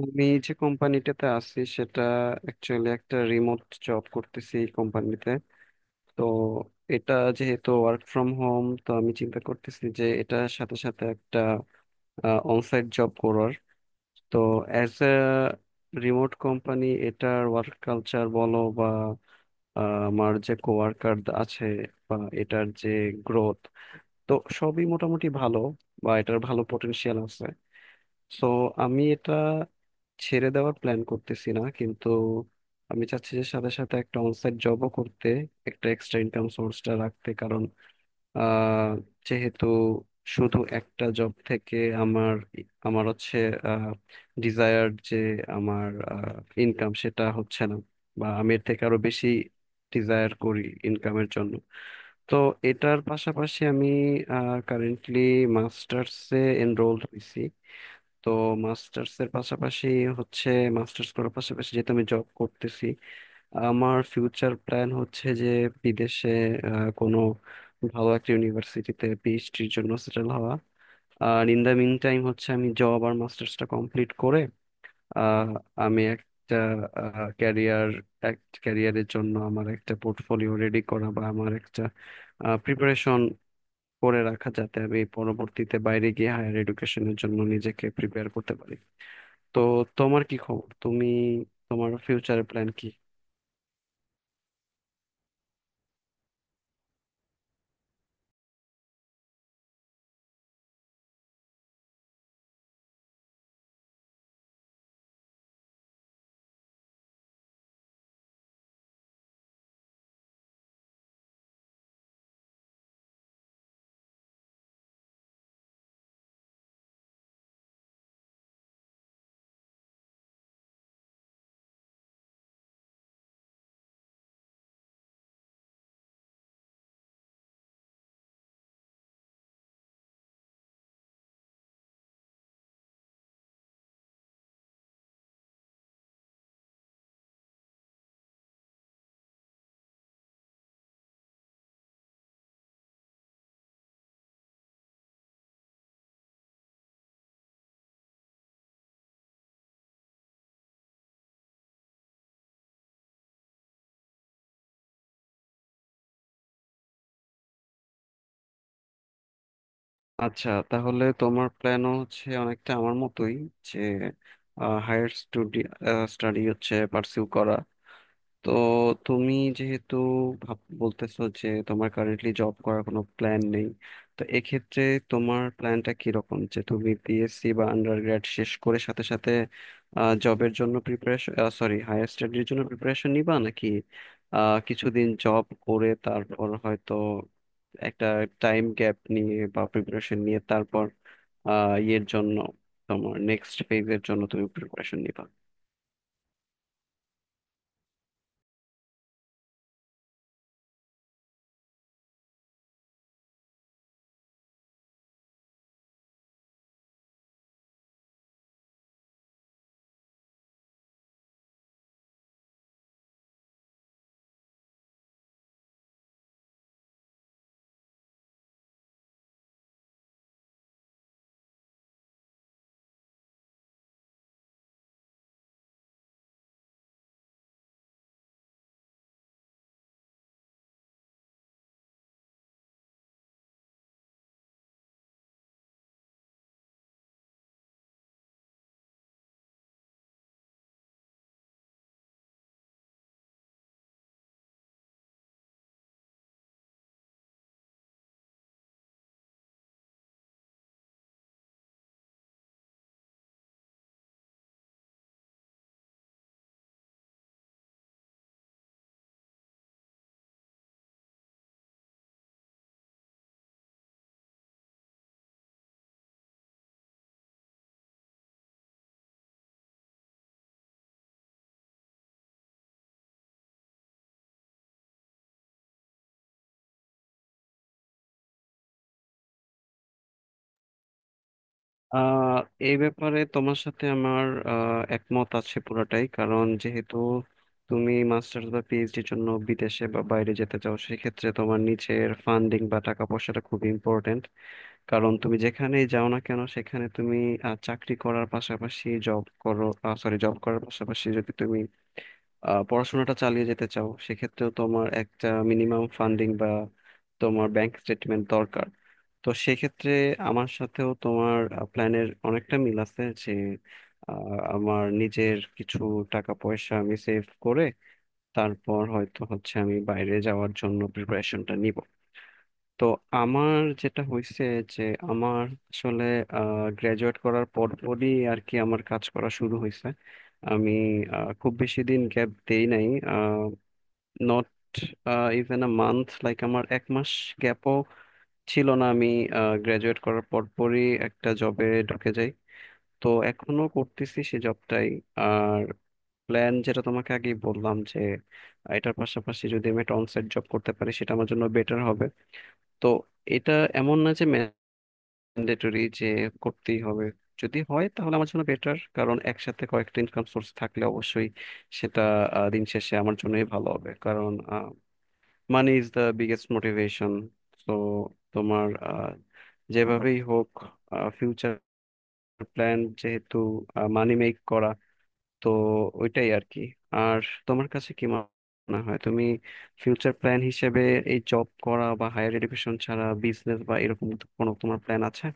আমি যে কোম্পানিটাতে আছি সেটা অ্যাকচুয়ালি একটা রিমোট জব করতেছি এই কোম্পানিতে। তো এটা যেহেতু ওয়ার্ক ফ্রম হোম, তো আমি চিন্তা করতেছি যে এটার সাথে সাথে একটা অনসাইট জব করার। তো অ্যাজ এ রিমোট কোম্পানি, এটার ওয়ার্ক কালচার বলো বা আহ, আমার যে কোয়ার্কার আছে বা এটার যে গ্রোথ, তো সবই মোটামুটি ভালো, বা এটার ভালো পটেনশিয়াল আছে। সো আমি এটা ছেড়ে দেওয়ার প্ল্যান করতেছি না, কিন্তু আমি চাচ্ছি যে সাথে সাথে একটা অনসাইট জবও করতে, একটা এক্সট্রা ইনকাম সোর্সটা রাখতে। কারণ আহ, যেহেতু শুধু একটা জব থেকে আমার আমার হচ্ছে ডিজায়ার যে আমার ইনকাম, সেটা হচ্ছে না, বা আমি এর থেকে আরো বেশি ডিজায়ার করি ইনকামের জন্য। তো এটার পাশাপাশি আমি কারেন্টলি মাস্টার্সে এনরোলড হয়েছি। তো মাস্টার্স এর পাশাপাশি হচ্ছে, মাস্টার্স করার পাশাপাশি যেহেতু আমি জব করতেছি, আমার ফিউচার প্ল্যান হচ্ছে যে বিদেশে কোনো ভালো একটা ইউনিভার্সিটিতে পিএইচডির জন্য সেটেল হওয়া। আর ইন দ্য মিন টাইম হচ্ছে আমি জব আর মাস্টার্সটা কমপ্লিট করে আহ, আমি একটা ক্যারিয়ার, এক ক্যারিয়ারের জন্য আমার একটা পোর্টফোলিও রেডি করা বা আমার একটা প্রিপারেশন করে রাখা, যাতে আমি পরবর্তীতে বাইরে গিয়ে হায়ার এডুকেশনের জন্য নিজেকে প্রিপেয়ার করতে পারি। তো তোমার কি খবর? তুমি তোমার ফিউচারের প্ল্যান কি? আচ্ছা, তাহলে তোমার প্ল্যানও হচ্ছে অনেকটা আমার মতোই, যে হায়ার স্টাডি হচ্ছে পার্সিউ করা। তো তুমি যেহেতু ভাব বলতেছো যে তোমার কারেন্টলি জব করার কোনো প্ল্যান নেই, তো এক্ষেত্রে তোমার প্ল্যানটা কিরকম? যে তুমি বিএসসি বা আন্ডারগ্র্যাড শেষ করে সাথে সাথে জবের জন্য প্রিপারেশন, সরি হায়ার স্টাডির জন্য প্রিপারেশন নিবা, নাকি কিছুদিন জব করে তারপর হয়তো একটা টাইম গ্যাপ নিয়ে বা প্রিপারেশন নিয়ে তারপর ইয়ের জন্য, তোমার নেক্সট ফেজের জন্য তুমি প্রিপারেশন নিবা? আহ এই ব্যাপারে তোমার সাথে আমার একমত আছে পুরোটাই। কারণ যেহেতু তুমি মাস্টার্স বা পিএইচডির জন্য বিদেশে বা বাইরে যেতে চাও, সেক্ষেত্রে তোমার নিচের ফান্ডিং বা টাকা পয়সাটা খুব ইম্পর্টেন্ট। কারণ তুমি যেখানেই যাও না কেন, সেখানে তুমি চাকরি করার পাশাপাশি জব করো, সরি জব করার পাশাপাশি যদি তুমি পড়াশোনাটা চালিয়ে যেতে চাও, সেক্ষেত্রেও তোমার একটা মিনিমাম ফান্ডিং বা তোমার ব্যাংক স্টেটমেন্ট দরকার। তো সেক্ষেত্রে আমার সাথেও তোমার প্ল্যানের অনেকটা মিল আছে, যে আমার নিজের কিছু টাকা পয়সা আমি সেভ করে তারপর হয়তো হচ্ছে আমি বাইরে যাওয়ার জন্য প্রিপারেশনটা নিব। তো আমার যেটা হয়েছে যে, আমার আসলে গ্রাজুয়েট করার পরপরই আর কি আমার কাজ করা শুরু হয়েছে। আমি খুব বেশি দিন গ্যাপ দেই নাই, not even a month, like আমার এক মাস গ্যাপও ছিল না। আমি গ্রাজুয়েট করার পরপরই একটা জবে ঢুকে যাই। তো এখনো করতেছি সেই জবটাই। আর প্ল্যান যেটা তোমাকে আগেই বললাম, যে এটার পাশাপাশি যদি আমি একটা অনসাইট জব করতে পারি, সেটা আমার জন্য বেটার হবে। তো এটা এমন না যে ম্যান্ডেটরি, যে করতেই হবে। যদি হয় তাহলে আমার জন্য বেটার, কারণ একসাথে কয়েকটা ইনকাম সোর্স থাকলে অবশ্যই সেটা দিন শেষে আমার জন্যই ভালো হবে। কারণ money is the biggest motivation. তো তোমার যেভাবেই হোক ফিউচার প্ল্যান যেহেতু মানি মেক করা, তো ওইটাই আর কি। আর তোমার কাছে কি মনে হয়, তুমি ফিউচার প্ল্যান হিসেবে এই জব করা বা হায়ার এডুকেশন ছাড়া বিজনেস বা এরকম কোনো তোমার প্ল্যান আছে?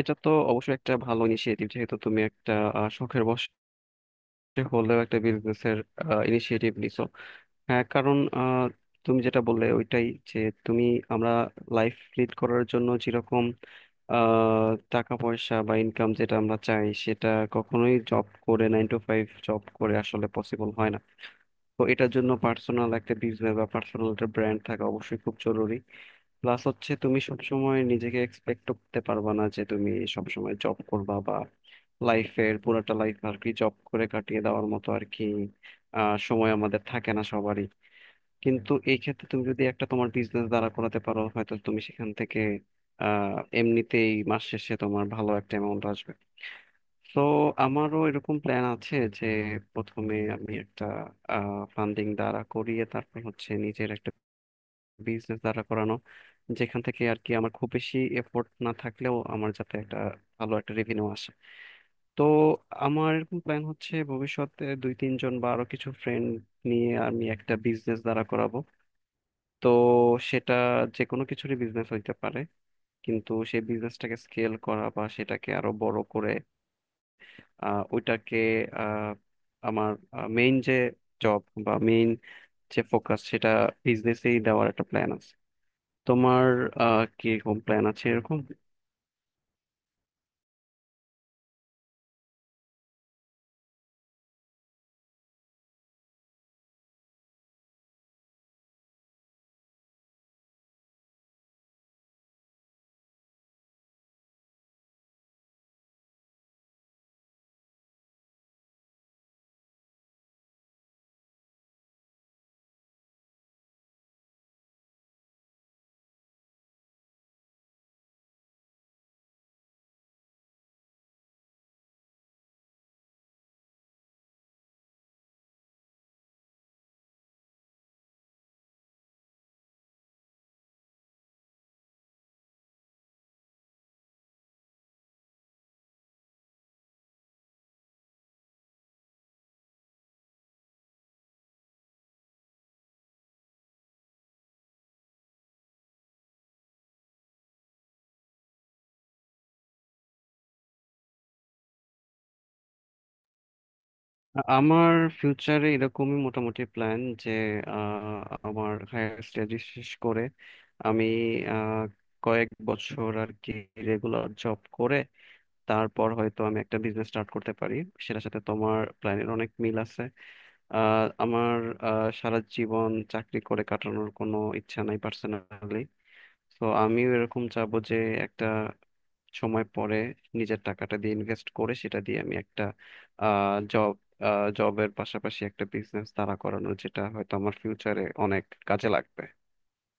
এটা তো অবশ্যই একটা ভালো ইনিশিয়েটিভ, যেহেতু তুমি একটা শখের বশে হলেও একটা বিজনেসের ইনিশিয়েটিভ নিছো। হ্যাঁ, কারণ তুমি যেটা বললে ওইটাই, যে তুমি আমরা লাইফ লিড করার জন্য যেরকম আহ, টাকা পয়সা বা ইনকাম যেটা আমরা চাই, সেটা কখনোই জব করে, নাইন টু ফাইভ জব করে আসলে পসিবল হয় না। তো এটার জন্য পার্সোনাল একটা বিজনেস বা পার্সোনাল একটা ব্র্যান্ড থাকা অবশ্যই খুব জরুরি। প্লাস হচ্ছে তুমি সবসময় নিজেকে এক্সপেক্ট করতে পারবা না যে তুমি সবসময় জব করবা, বা লাইফের পুরোটা লাইফ আর কি জব করে কাটিয়ে দেওয়ার মতো আর কি সময় আমাদের থাকে না সবারই। কিন্তু এই ক্ষেত্রে তুমি যদি একটা তোমার বিজনেস দাঁড়া করাতে পারো, হয়তো তুমি সেখান থেকে এমনিতেই মাস শেষে তোমার ভালো একটা অ্যামাউন্ট আসবে। তো আমারও এরকম প্ল্যান আছে যে প্রথমে আমি একটা ফান্ডিং দাঁড়া করিয়ে তারপর হচ্ছে নিজের একটা বিজনেস দাঁড়া করানো, যেখান থেকে আর কি আমার খুব বেশি এফোর্ট না থাকলেও আমার যাতে একটা ভালো একটা রেভিনিউ আসে। তো আমার এরকম প্ল্যান হচ্ছে, ভবিষ্যতে দুই তিনজন বা আরো কিছু ফ্রেন্ড নিয়ে আমি একটা বিজনেস দাঁড়া করাবো। তো সেটা যে কোনো কিছুরই বিজনেস হইতে পারে, কিন্তু সেই বিজনেসটাকে স্কেল করা বা সেটাকে আরো বড় করে ওইটাকে আহ, আমার মেইন যে জব বা মেইন যে ফোকাস, সেটা বিজনেসেই দেওয়ার একটা প্ল্যান আছে। তোমার কি রকম প্ল্যান আছে এরকম? আমার ফিউচারে এরকমই মোটামুটি প্ল্যান, যে আহ, আমার হায়ার স্টাডি শেষ করে আমি আহ, কয়েক বছর আর কি রেগুলার জব করে তারপর হয়তো আমি একটা বিজনেস স্টার্ট করতে পারি। সেটার সাথে তোমার প্ল্যানের অনেক মিল আছে। আমার সারা জীবন চাকরি করে কাটানোর কোনো ইচ্ছা নাই পার্সোনালি। তো আমিও এরকম চাবো যে একটা সময় পরে নিজের টাকাটা দিয়ে ইনভেস্ট করে সেটা দিয়ে আমি একটা জব জবের পাশাপাশি একটা বিজনেস দাঁড়া করানো, যেটা হয়তো আমার ফিউচারে অনেক কাজে লাগবে।